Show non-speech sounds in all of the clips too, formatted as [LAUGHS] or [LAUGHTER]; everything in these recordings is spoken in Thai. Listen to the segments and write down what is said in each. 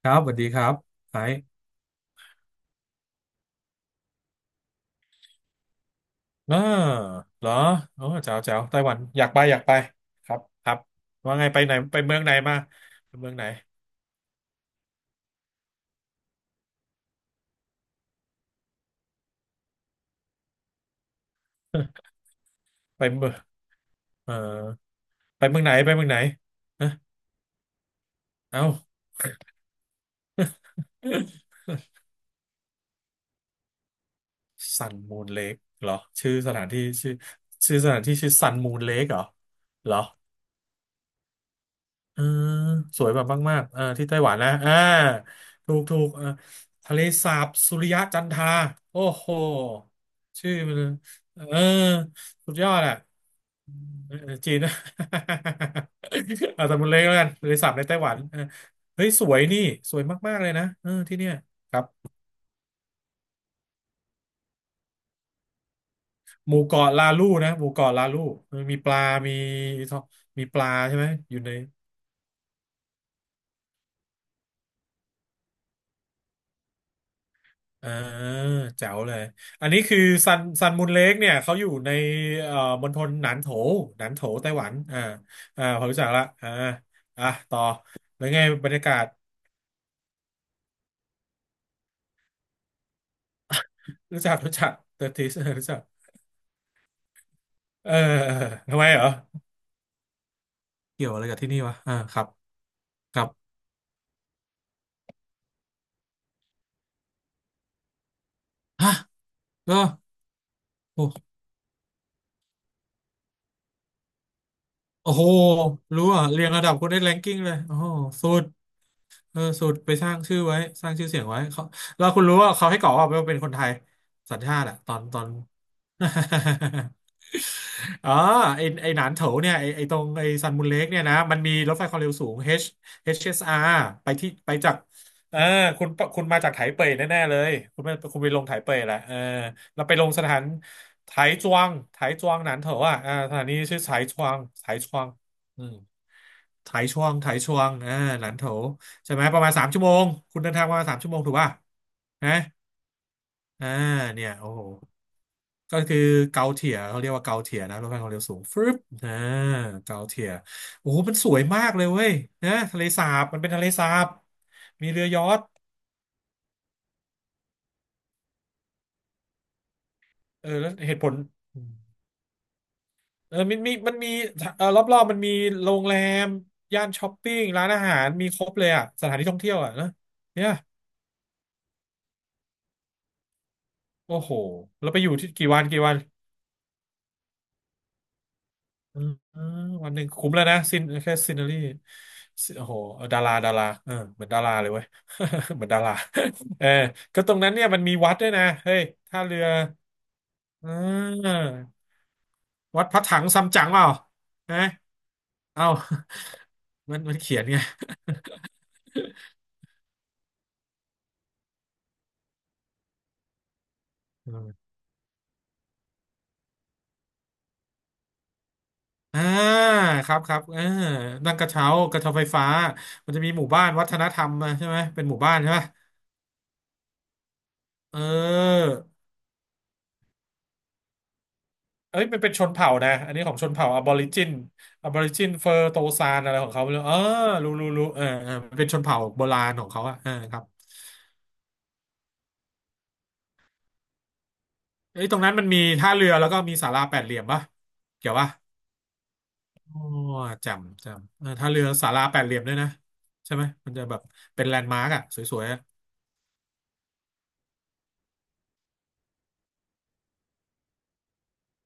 ครับสวัสดีครับไอซ์เอ่เหรอโอ้แจ๋วแจ๋วไต้หวันอยากไปอยากไปครับครับว่าไงไปไหนไปเมืองไหนมาไปเมืองไหน [LAUGHS] ไปเมืองเออไปเมืองไหนไปเมืองไหนฮะเอ้าซันมูนเลกเหรอชื่อสถานที่ชื่อชื่อสถานที่ชื่อซันมูนเลกเหรอเหรอ เออสวยแบบมากๆเออที่ไต้หวันนะอ่าถูกถูกเออทะเลสาบสุริยะจันทราโอ้โหชื่อมันเออสุดยอดอ่ะเออจีนนะ [LAUGHS] เอาแต่มันเล็กแล้วกันทะเลสาบในไต้หวันเออเฮ้ยสวยนี่สวยมากๆเลยนะเออที่เนี่ยครับหมู่เกาะลาลูนะหมู่เกาะลาลูเออมีปลามีมีปลาใช่ไหมอยู่ใน อ่าแจ๋วเลยอันนี้คือซันซันมุนเล็กเนี่ยเขาอยู่ในเอ่อมณฑลหนานโถหนานโถไต้หวันอ่าอ่าพอรู้จักละอ่าอ่ะต่อแล้วไงบรรยากาศรู้จักรู้จักเตอร์ทิสรู้จักเออเออทำไมเหรอเกี่ยวอะไรกับที่นี่วะอ่าครับครับฮะก็โอ้โอ้โหรู้อ่ะเรียงระดับคนได้แรงกิ้งเลยโอ้โหสุด เออสตรไปสร้างชื่อไว้สร้างชื่อเสียงไว้เขาแล้วคุณรู้ว่าเขาให้กรอกว่าว่าเป็นคนไทยสัญชาติอะตอนตอน [LAUGHS] อ๋อไอไอหนานโถเนี่ยไอไอตรงไอซันมูนเล็กเนี่ยนะมันมีรถไฟความเร็วสูง H HSR ไปที่ไปจากเออคุณคุณมาจากไถเป่ยแน่ๆเลยคุณไปคุณไปลงไถเป่ยแหละเออแล้วไปลงสถานไถจวงไถจวงหนานโถอ่ะอ่าสถานีชื่อไถจวงไถจวงอืม ถ่ายช่วงถ่ายช่วงอ่าหลันโถใช่ไหมประมาณสามชั่วโมง คุณเดินทางประมาณสามชั่วโมงถูกป่ะนะอ่าเนี่ยโอ้โหก็คือเกาเทียเขาเรียกว่าเกาเทียนะรถไฟความเร็วสูงฟึบอ่าเกาเทียโอ้โหมันสวยมากเลยเว้ยนะทะเลสาบมันเป็นทะเลสาบมีเรือยอชต์เออแล้วเหตุผลเออมันมีมันมีเออรอบๆมันมีโรงแรม ย่านช้อปปิ้งร้านอาหาร มีครบเลยอ่ะสถานที่ท่องเที่ยวอ่ะนะเนี่ยโอ้โหแล้วไปอยู่ที่กี่วันกี่วัน อืมอืมวันหนึ่งคุ้มแล้วนะซินแค่ซิน n รีโอ้โหดาราดาราเออเหมือนดาราเลยเว้ย [LAUGHS] เหมือนดาราเออก็ตรงนั้นเนี่ยมันมีวัดด้วยนะเฮ้ยท่าเรือเออวัดพระถังซัมจั๋งเปล่านะเอ้า [LAUGHS] มันมันเขียนไง [LAUGHS] อืมอ่าครับครับเออนั่งกระเช้ากระเช้าไฟฟ้ามันจะมีหมู่บ้านวัฒนธรรมอะใช่ไหมเป็นหมู่บ้านใช่ไหมเออ เอ้ยมันเป็นชนเผ่านะอันนี้ของชนเผ่าอบอริจินอบอริจินเฟอร์โตซานอะไรของเขาไม่รู้เออรู้รู้รู้เออเออมันเป็นชนเผ่าโบราณของเขาอะเออครับเอ้ยตรงนั้นมันมีท่าเรือแล้วก็มีศาลาแปดเหลี่ยมปะเกี่ยวปะโอ้จำจำเออท่าเรือศาลาแปดเหลี่ยมด้วยนะใช่ไหมมันจะแบบเป็นแลนด์มาร์กอะสวยๆอะ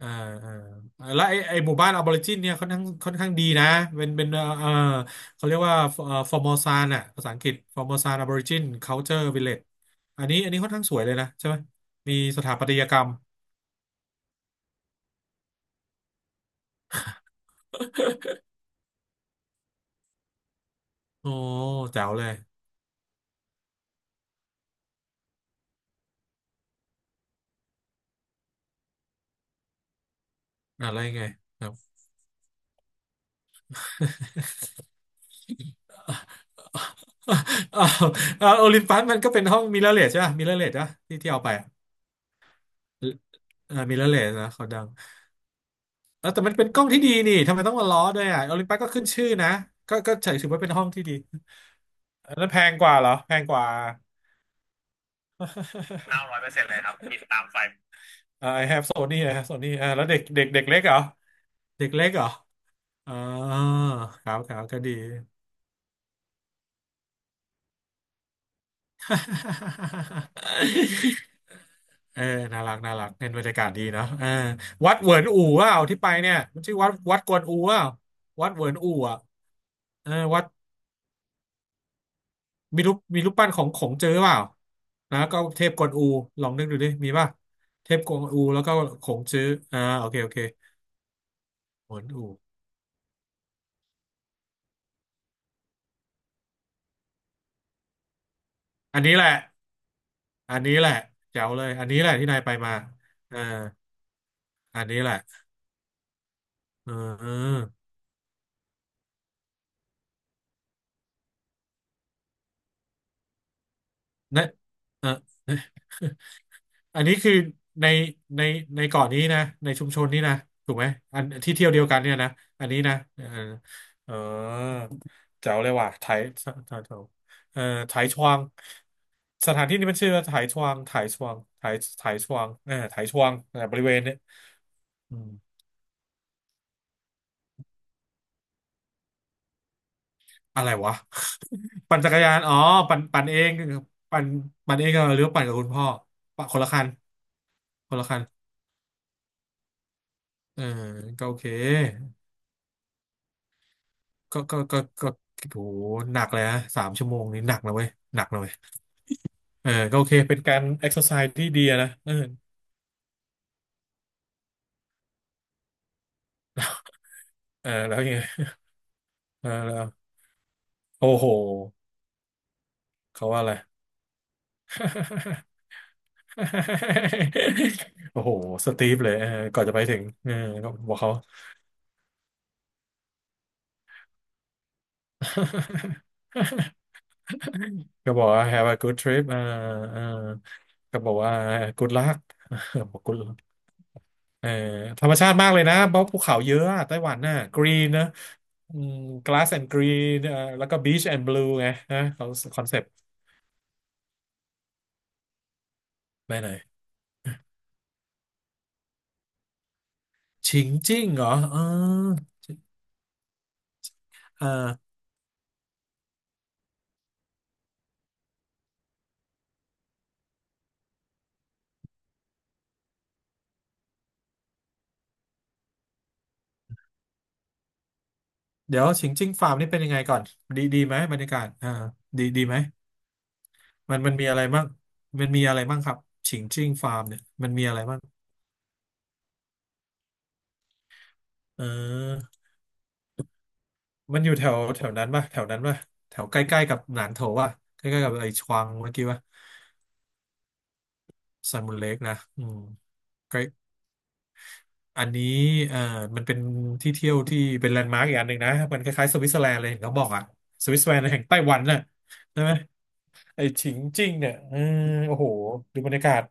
อ่าอ่าแล้วไอไอหมู่บ้านอาบอริจินเนี่ยค่อนข้างค่อนข้างดีนะเป็นเป็นเขาเรียกว่าฟอร์มอซานอ่ะภาษาอังกฤษฟอร์มอซานอาบอริจินคัลเจอร์วิลเลจอันนี้อันนี้ค่อนข้างสวยเลยนะใช่ไหมมีสถาปัตยกรรม [LAUGHS] โอ้แจ๋วเลยอะไรไงครับ [LAUGHS] เอาวโอลิมปัสมันก็เป็นห้องมิเรอร์เลสใช่ป่ะมิเรอร์เลสอะที่ที่เอาไปอะมิเรอร์เลสนะเขาดังแล้วแต่มันเป็นกล้องที่ดีนี่ทำไมต้องมาล้อด้วยอ่ะโอลิมปัสก็ขึ้นชื่อนะก็ก็ถือว่าเป็นห้องที่ดี อันนั้นแพงกว่าเหรอแพงกว่า900%เลยครับบินตามไฟอ่า I have Sony นะ Sony อ่าแล้วเด็กเด็กเด็กเล็กเหรอเด็กเล็กเหรออ๋อครับครับก็ดี [LAUGHS] เออน่ารักน่ารักเน้นบรรยากาศดีเนาะเออวัดเหวินอู่ว่าที่ไปเนี่ยมันชื่อวัดวัดกวนอู่ว่าวัดเหวินอู่อ่ะเออวัดมีรูปมีรูปปั้นของของเจอเปล่านะก็เทพกวนอูลองนึกดูดิมีป่ะเทพกวนอูแล้วก็ของเจออ่าโอเคโอเคเหวินอู่ อันนี้แหละ อันนี้แหละแจ๋วเลยอันนี้แหละที่นายไปมาเอออันนี้แหละเออเนะเออเอ่ออันนี้คือในในในเกาะนี้นะในชุมชนนี้นะถูกไหมอันที่เที่ยวเดียวกันเนี่ยนะอันนี้นะเออเออแจ๋วเลยว่ะไถไถเออไถชวางสถานที่นี้มันชื่อว่าไถชวางไถชวางไถไถชวางเออไถชวางเออบริเวณเนี่ยอืม อะไรวะ [LAUGHS] ปั่นจักรยานอ๋อปั่นปั่นปั่นเองเหรอหรือว่าปั่นกับคุณพ่อปั่นคนละคันคนละคันเออก็โอเคก็ก็ก็ก็โหหนักเลยฮะสามชั่วโมงนี่หนักนะเว้ยหนักนะเว้ยเออก็โอเคเป็นการเอ็กซ์ s ซ s e ที่ดีอะนะเออเออแล้วยังไงเออแล้วโอ้โหเขาว่าอะไร [LAUGHS] โอ้โหสตีฟเลยเออก่อนจะไปถึงเออก็บอกเขา ก็บอกว่า have a good trip อ่าอ่าก็บอกว่า good luck [LAUGHS] บอก good luck เออธรรมชาติมากเลยนะเพราะภูเขาเยอะอะไต้หวันน่ะ green นะอืม glass and green แล้วก็ beach and blue ไงนะเขาคอนเซปต์ไปไหนฉิงจิ้งเหรอเอออ่าเดี๋ยวฉิงจิ้งฟาร์มนี่เป็นยังไงก่อนดีดีไหมบรรยากาศอ่าดีดีไหมมันมีอะไรบ้างมันมีอะไรบ้างครับฉิงจิ้งฟาร์มเนี่ยมันมีอะไรบ้างเออ มันอยู่แถวแถวนั้นป่ะแถวนั้นป่ะแถวใกล้ๆกับหนานโถป่ะใกล้ๆกับไอ้ชวังเมื่อกี้ป่ะซันมูนเล็กนะอืมใกล้อันนี้เอ่อมันเป็นที่เที่ยวที่เป็นแลนด์มาร์กอีกอันหนึ่งนะมันคล้ายๆสวิตเซอร์แลนด์เลยเหขาบอกอะสวิตเซอร์แลนด์แห่งไต้หวันน่ะใช่ไหมไอ้ฉิงจิ้งเนี่ยเออโอ้โหดูบรรยากาศ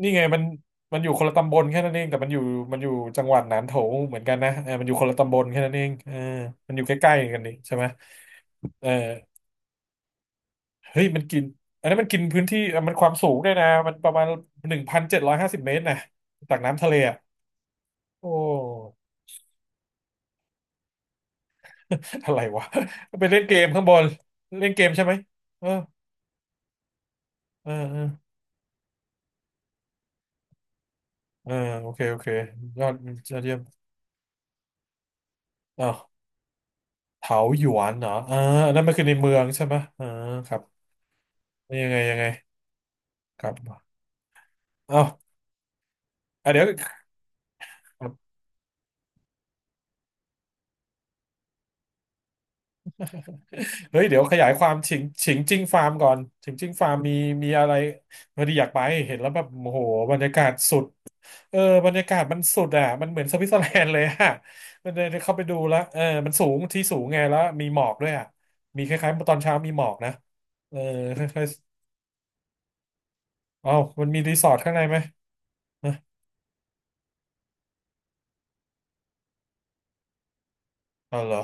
นี่ไงมันมันอยู่คนละตำบลแค่นั้นเองแต่มันอยู่มันอยู่จังหวัดหนานโถเหมือนกันนะเออมันอยู่คนละตำบลแค่นั้นเองเออมันอยู่ใกล้ๆกันนี่ใช่ไหมเออ เฮ้ยมันกินอันนั้นมันกินพื้นที่อ่ะมันความสูงด้วยนะมันประมาณ1,750 เมตรนะจากน้ำทะเลอ่ะโอ้ [LAUGHS] อะไรวะไปเล่นเกมข้างบนเล่นเกมใช่ไหมเออเออเออเออโอเคโอเคยอดยอดเยี่ยมอ้าวเถาหยวนเหรออ่าอันนั่นมันคือในเมืองใช่ไหมอ่าครับยังไงยังไงครับอ้าวอ่ะเดี๋ยวเฮ้ยเดี๋ยวขยายความฉิงฉิงจิ้งฟาร์มก่อนฉิงจิ้งฟาร์มมีมีอะไรพอดีอยากไปเห็นแล้วแบบโอ้โหบรรยากาศสุด เออบรรยากาศมันสุดอ่ะมันเหมือนสวิตเซอร์แลนด์เลยอ่ะ [LAUGHS] มันเลยเข้าไปดูแล้วเออมันสูงที่สูงไงแล้ว มีหมอกด้วยอ่ะมีคล้ายๆตอนเช้ามีหมอกนะ เออคล้ายๆเอ้ามันมีรีสอร์ทข้างในไหมนะอ๋อเหรอ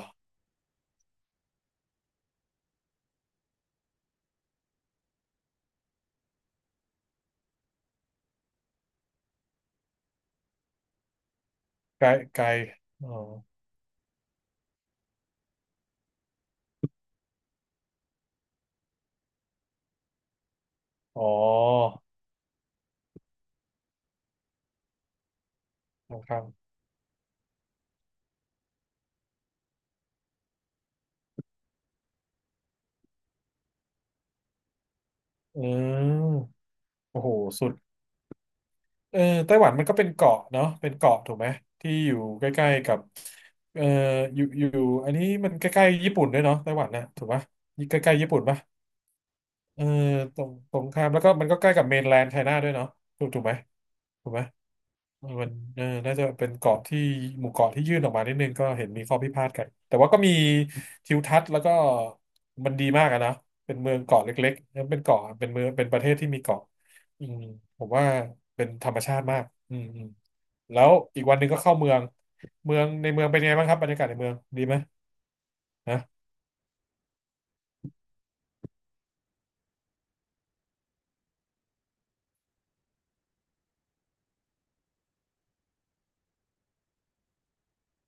ไกลไกลอ๋ออ๋อครับเออโอ้โหสุดเออไต้หวันมันก็เป็นเกาะเนาะเป็นเกาะถูกไหมที่อยู่ใกล้ๆกับเอออยู่อันนี้มันใกล้ๆญี่ปุ่นด้วยเนาะไต้หวันนะถูกปะใกล้ๆญี่ปุ่นปะ เออตรงตรงข้ามแล้วก็มันก็ใกล้กับเมนแลนด์ไชน่าด้วยเนาะถูกถูกไหมถูกไหมเออมันเออน่าจะเป็นเกาะที่หมู่เกาะที่ยื่นออกมานิดนึงก็เห็นมีข้อพิพาทกันแต่ว่าก็มีทิวทัศน์แล้วก็มันดีมากอะนะเป็นเมืองเกาะเล็กๆแล้วเป็นเกาะเป็นเมืองเป็นประเทศที่มีเกาะอืมผมว่าเป็นธรรมชาติมากอืมอืมแล้วอีกวันหนึ่งก็เข้าเมืองเมืองในเมืองเป็นไงบ้างครับบรรยากาศในเมืองดีไหมนะ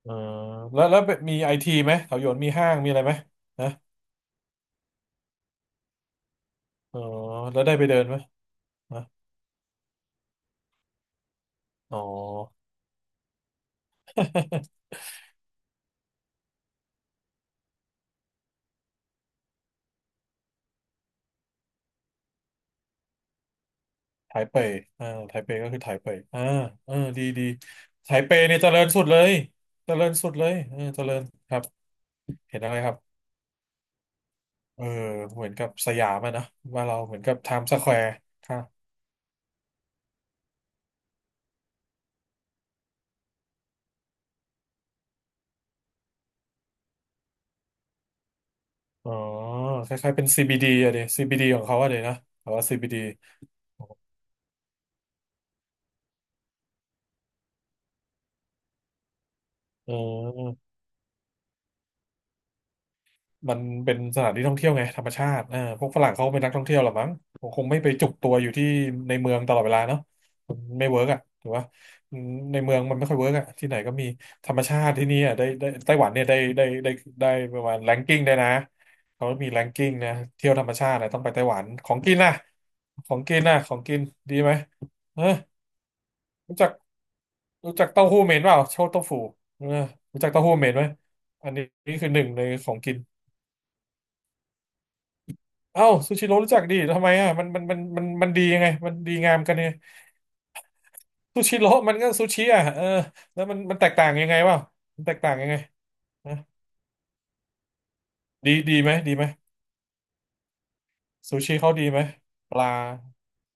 เออแล้วแล้วมีไอทีไหมแถวโยนมีห้างมีอะไรไหมนะ อ๋อแล้วได้ไปเดินไหมนะอ๋อ [LAUGHS] ไถเป่ยอ่าไถเป่ยก็คือไถเป่ยอ่าเออดีดีไถเป่ยเนี่ยเจริญสุดเลยเจริญสุดเลยเออเจริญครับเห็นอะไรครับเออเหมือนกับสยามอะนะว่านเราเหมือนกับไทม์สแควร์ค่ะอ๋อคล้ายๆเป็น CBD อะเดซี๋ย CBD ของเขาอะเดนะแต่ว่า CBD เออ มันเป็นสถานที่ท่องเที่ยวไงธรรมชาติเออพวกฝรั่งเขาเป็นนักท่องเที่ยวหรอมั้งคงไม่ไปจุกตัวอยู่ที่ในเมืองตลอดเวลาเนาะมันไม่เวิร์กอ่ะถือว่าในเมืองมันไม่ค่อยเวิร์กอ่ะที่ไหนก็มีธรรมชาติที่นี่อ่ะได้ได้ไต้หวันเนี่ยได้ได้ได้ได้ประมาณแรงกิ้งได้นะเขามีแรงกิ้งนะเที่ยวธรรมชาตินะต้องไปไต้หวันของกินนะของกินนะของกินดีไหมเออรู้จักรู้จักเต้าหู้เหม็นเปล่าโชว์เต้าหู้เออรู้จักเต้าหู้เหม็นไหมอันนี้นี่คือหนึ่งในของกิน เอ้าซูชิโร่รู้จักดิทำไมอ่ะมันดียังไงมันดีงามกันยังไงซูชิโร่มันก็ซูชิอ่ะเออแล้วมันแตกต่างยังไงวะมันแตกต่างยังไงนะดีไหมดีไหมซูชิเขาดีไหมปลา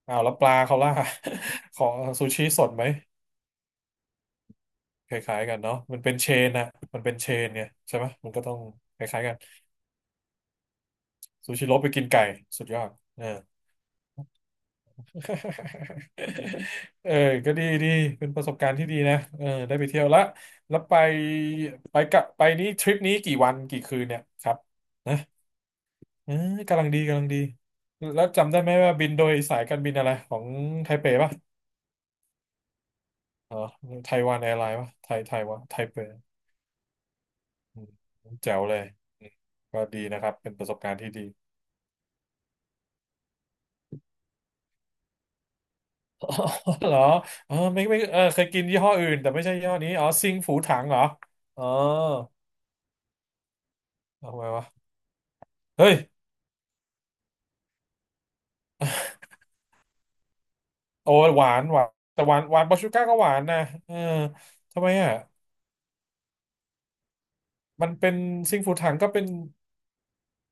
อ้าวแล้วปลาเขาล่ะ [LAUGHS] ของซูชิสดไหมคล้ายๆกันเนาะมันเป็นเชนนะมันเป็นเชนเนี่ยใช่ไหมมันก็ต้องคล้ายๆกันซูชิโร่ไปกินไก่สุดยอดเออ [LAUGHS] เออก็ดีดี เป็นประสบการณ์ที่ดีนะเออได้ไปเที่ยวละ แล้วไปไปกะไปนี้ทริปนี้กี่วันกี่คืนเนี่ยครับนะเออกำลังดีกำลังดีแล้วจำได้ไหมว่าบินโดยสายการบินอะไรของไทเปป่ะอ๋อไทวันแอร์ไลน์ป่ะไทยไทยวะไทเปอืมแจ๋วเลยอืมก็ดีนะครับเป็นประสบการณ์ที่ดี [LAUGHS] อ๋อเหรอเออไม่เออเคยกินยี่ห้ออื่นแต่ไม่ใช่ยี่ห้อนี้อ๋อซิงฝูถังเหรออ๋อเอาไงวะเฮ้ย โอ้หวานแต่หวานหวานบาชูก้าก็หวานนะเออทำไมอ่ะมันเป็นซิงฟูถังก็เป็น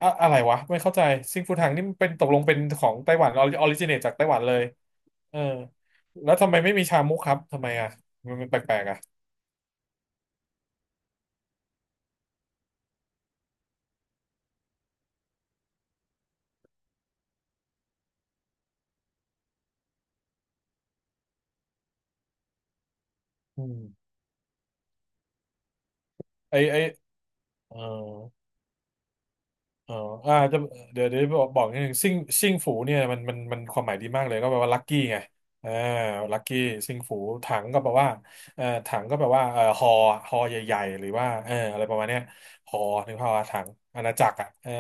อะอะไรวะไม่เข้าใจซิงฟูถังนี่มันเป็นตกลงเป็นของไต้หวันออริจิเนตจากไต้หวันเลยเออแล้วทำไมไม่มีชามุกครับทำไมอ่ะมันแปลกๆอ่ะอืมไอไอเออ เอออ่าจะเดี๋ยวบอกนิดนึงซิ่งซิ่งฝูเนี่ยมันความหมายดีมากเลยก็แปลว่าลัคกี้ไงอ่าลัคกี้ซิ่งฝูถังก็แปลว่าถังก็แปลว่าฮอฮอใหญ่ๆหรือว่าเอออะไรประมาณเนี้ยฮอนึกภาพว่าถังอาณาจักรอ่ะเออ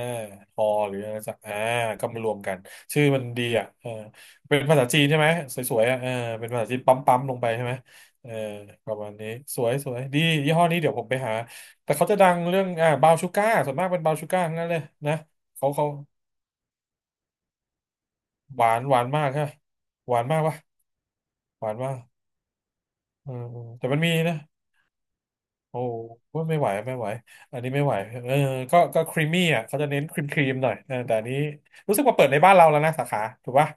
ฮอหรืออาณาจักรอ่าก็มารวมกันชื่อมันดีอ่ะเออเป็นภาษาจีนใช่ไหมสวยๆอ่ะเออเป็นภาษาจีนปั๊มๆลงไปใช่ไหมเออประมาณนี้สวยๆดียี่ห้อนี้เดี๋ยวผมไปหา แต่เขาจะดังเรื่องอ่าบาวชูก้าส่วนมากเป็นบาวชูก้าทั้งนั้นเลยนะเขาหวานหวานมากฮะหวานมากวะหวานมากเออแต่มันมีนะโอ้ว่าไม่ไหวอันนี้ไม่ไหวเออก็ครีมมี่อ่ะเขาจะเน้นครีมครีมหน่อยเออแต่อันนี้รู้สึกว่าเปิดในบ้านเราแล้วนะสาขาถูกปะ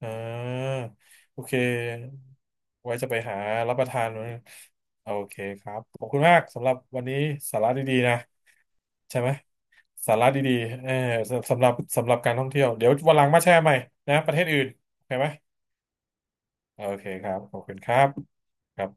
เออโอเคไว้จะไปหารับประทานมั้ยโอเคครับขอบคุณมากสำหรับวันนี้สาระดีๆนะ ใช่ไหมสาระดีๆเออสสำหรับการท่องเที่ยวเดี๋ยววันหลังมาแชร์ใหม่นะประเทศอื่นโอเคไหมโอเคครับขอบคุณครับครับ